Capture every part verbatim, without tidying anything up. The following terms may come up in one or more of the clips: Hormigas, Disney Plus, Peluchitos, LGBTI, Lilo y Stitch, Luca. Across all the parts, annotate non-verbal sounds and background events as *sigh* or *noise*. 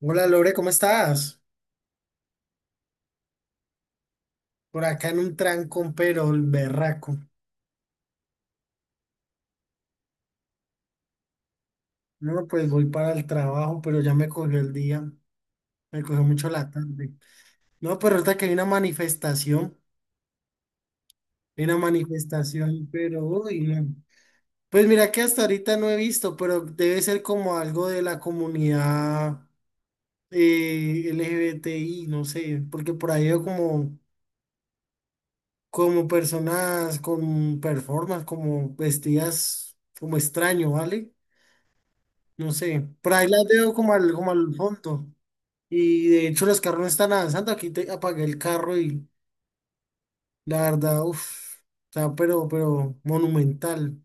Hola Lore, ¿cómo estás? Por acá en un trancón, pero el berraco. No, pues voy para el trabajo, pero ya me cogió el día, me cogió mucho la tarde. No, pero ahorita que hay una manifestación, hay una manifestación, pero uy, no. Pues mira que hasta ahorita no he visto, pero debe ser como algo de la comunidad eh, L G B T I, no sé, porque por ahí veo como, como personas con performance, como vestidas como extraño, ¿vale? No sé, por ahí las veo como al, como al fondo. Y de hecho los carros no están avanzando, aquí te apagué el carro y la verdad, uff, está pero, pero monumental.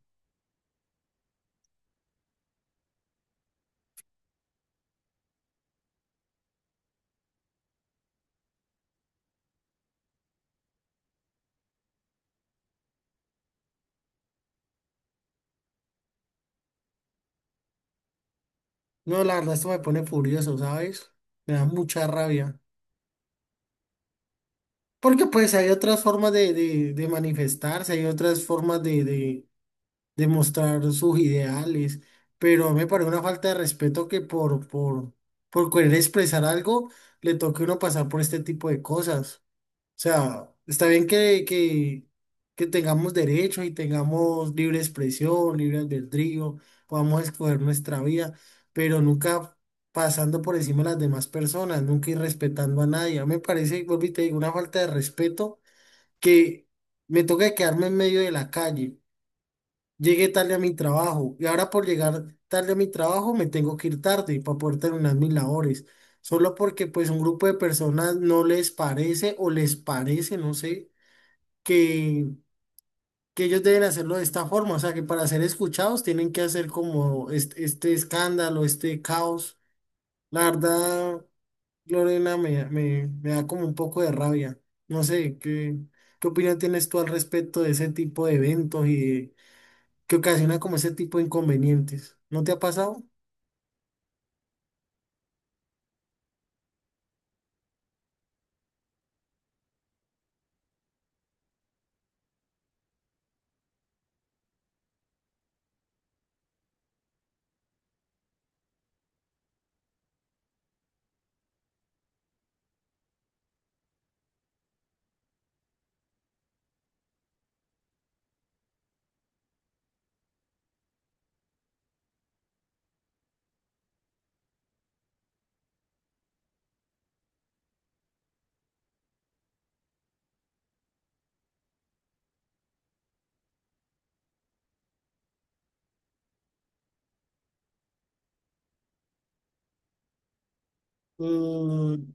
No, la verdad esto me pone furioso, ¿sabes? Me da mucha rabia. Porque pues hay otras formas de, de, de manifestarse, hay otras formas de, de, de mostrar sus ideales, pero me parece una falta de respeto que por, por, por querer expresar algo le toque a uno pasar por este tipo de cosas. O sea, está bien que, que, que tengamos derechos y tengamos libre expresión, libre albedrío, podamos escoger nuestra vida, pero nunca pasando por encima de las demás personas, nunca ir respetando a nadie. A mí me parece, y vuelvo y te digo, una falta de respeto que me toca quedarme en medio de la calle. Llegué tarde a mi trabajo y ahora por llegar tarde a mi trabajo me tengo que ir tarde para poder terminar mis labores. Solo porque pues un grupo de personas no les parece o les parece, no sé que, que ellos deben hacerlo de esta forma, o sea, que para ser escuchados tienen que hacer como este, este escándalo, este caos. La verdad, Lorena, me, me, me da como un poco de rabia. No sé, ¿qué, qué opinión tienes tú al respecto de ese tipo de eventos y de- que ocasiona como ese tipo de inconvenientes? ¿No te ha pasado? Mm,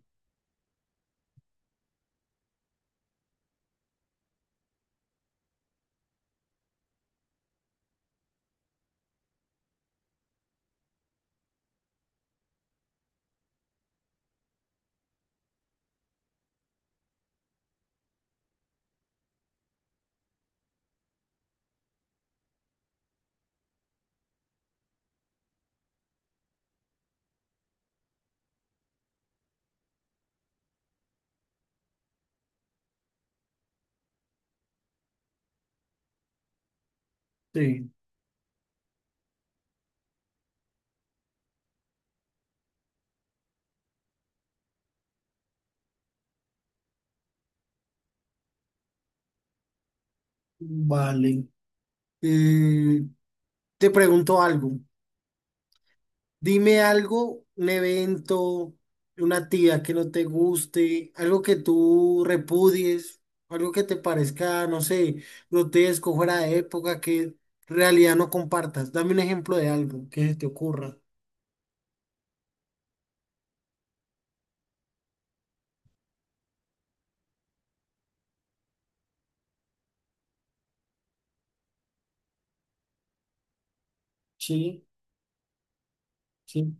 sí, vale. Eh, te pregunto algo. Dime algo, un evento, una actividad que no te guste, algo que tú repudies, algo que te parezca, no sé, grotesco, fuera de época, que en realidad no compartas. Dame un ejemplo de algo que se te ocurra. Sí, sí,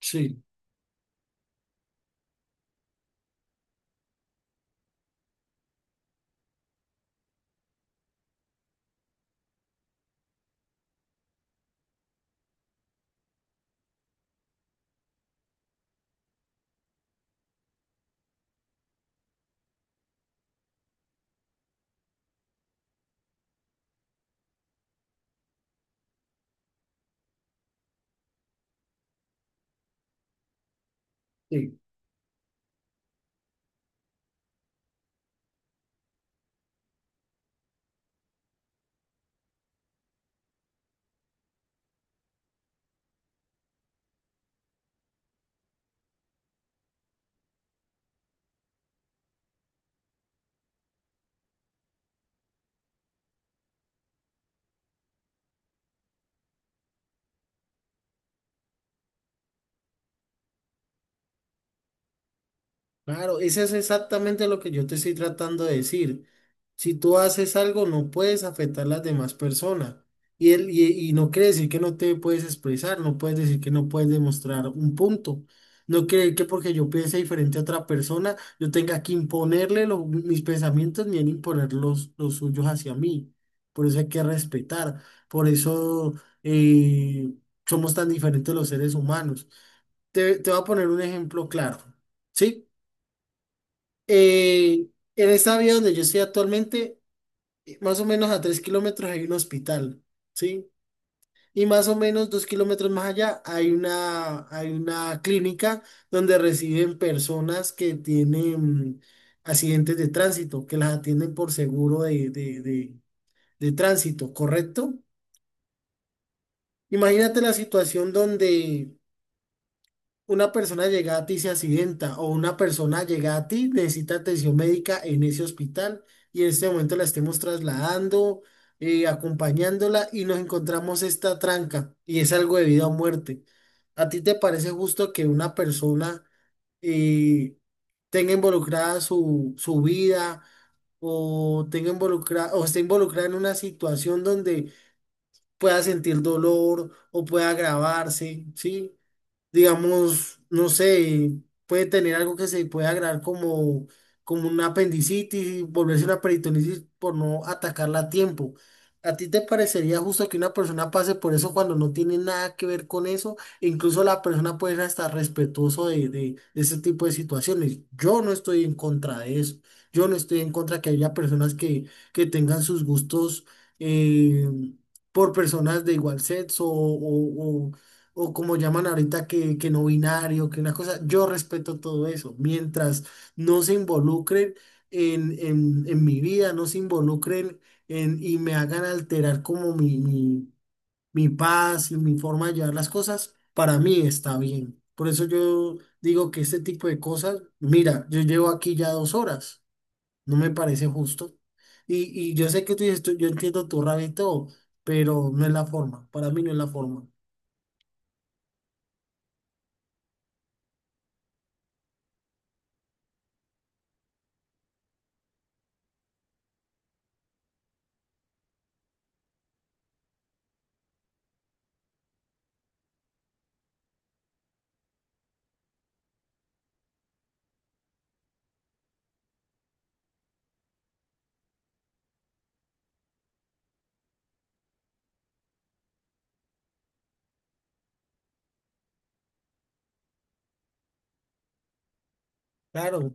sí, sí. Claro, eso es exactamente lo que yo te estoy tratando de decir. Si tú haces algo, no puedes afectar a las demás personas. Y, él, y, y no quiere decir que no te puedes expresar, no puedes decir que no puedes demostrar un punto. No quiere que porque yo piense diferente a otra persona, yo tenga que imponerle lo- mis pensamientos ni él imponer los, los suyos hacia mí. Por eso hay que respetar. Por eso eh, somos tan diferentes los seres humanos. Te, te voy a poner un ejemplo claro. ¿Sí? Eh, en esta vía donde yo estoy actualmente, eh, más o menos a tres kilómetros hay un hospital, ¿sí? Y más o menos dos kilómetros más allá hay una, hay una clínica donde reciben personas que tienen accidentes de tránsito, que las atienden por seguro de, de, de, de tránsito, ¿correcto? Imagínate la situación donde una persona llega a ti y se accidenta o una persona llega a ti, necesita atención médica en ese hospital y en este momento la estemos trasladando, eh, acompañándola y nos encontramos esta tranca y es algo de vida o muerte. ¿A ti te parece justo que una persona eh, tenga involucrada su, su vida o tenga involucrada o esté involucrada en una situación donde pueda sentir dolor o pueda agravarse, ¿sí? Digamos, no sé, puede tener algo que se puede agregar como, como una apendicitis y volverse una peritonitis por no atacarla a tiempo. ¿A ti te parecería justo que una persona pase por eso cuando no tiene nada que ver con eso? E incluso la persona puede ser hasta respetuoso de, de de ese tipo de situaciones. Yo no estoy en contra de eso. Yo no estoy en contra que haya personas que, que tengan sus gustos eh, por personas de igual sexo o, o- o como llaman ahorita que, que no binario, que una cosa, yo respeto todo eso, mientras no se involucren en, en, en mi vida, no se involucren en, y me hagan alterar como mi, mi, mi paz y mi forma de llevar las cosas, para mí está bien. Por eso yo digo que este tipo de cosas, mira, yo llevo aquí ya dos horas, no me parece justo. Y, y yo sé que tú dices, tú- yo entiendo tu rabia y todo, pero no es la forma, para mí no es la forma. Claro,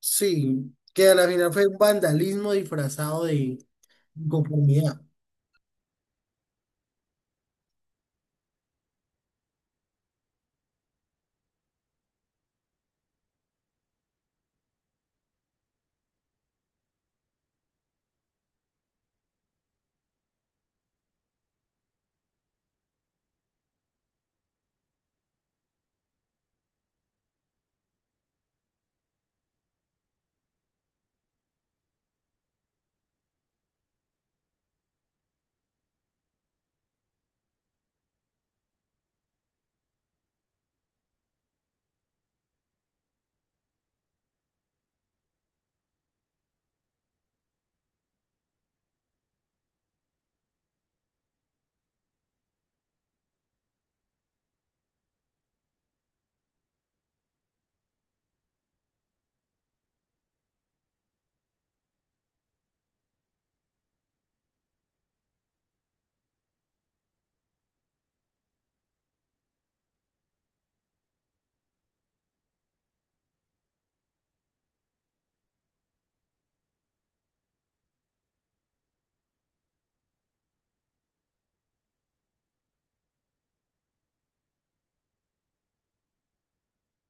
sí, que a la final fue un vandalismo disfrazado de inconformidad.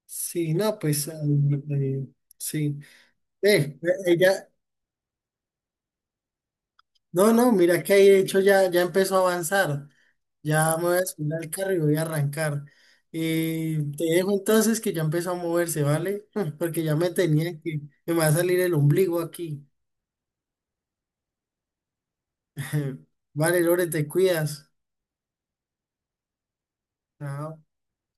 Sí, no, pues ah, eh, sí. Eh, ella, no, no, mira que ahí de hecho ya, ya empezó a avanzar. Ya me voy a subir al carro y voy a arrancar. Eh, te dejo entonces que ya empezó a moverse, ¿vale? *laughs* Porque ya me tenía que, me va a salir el ombligo aquí. *laughs* Vale, Lore, te cuidas. Chao.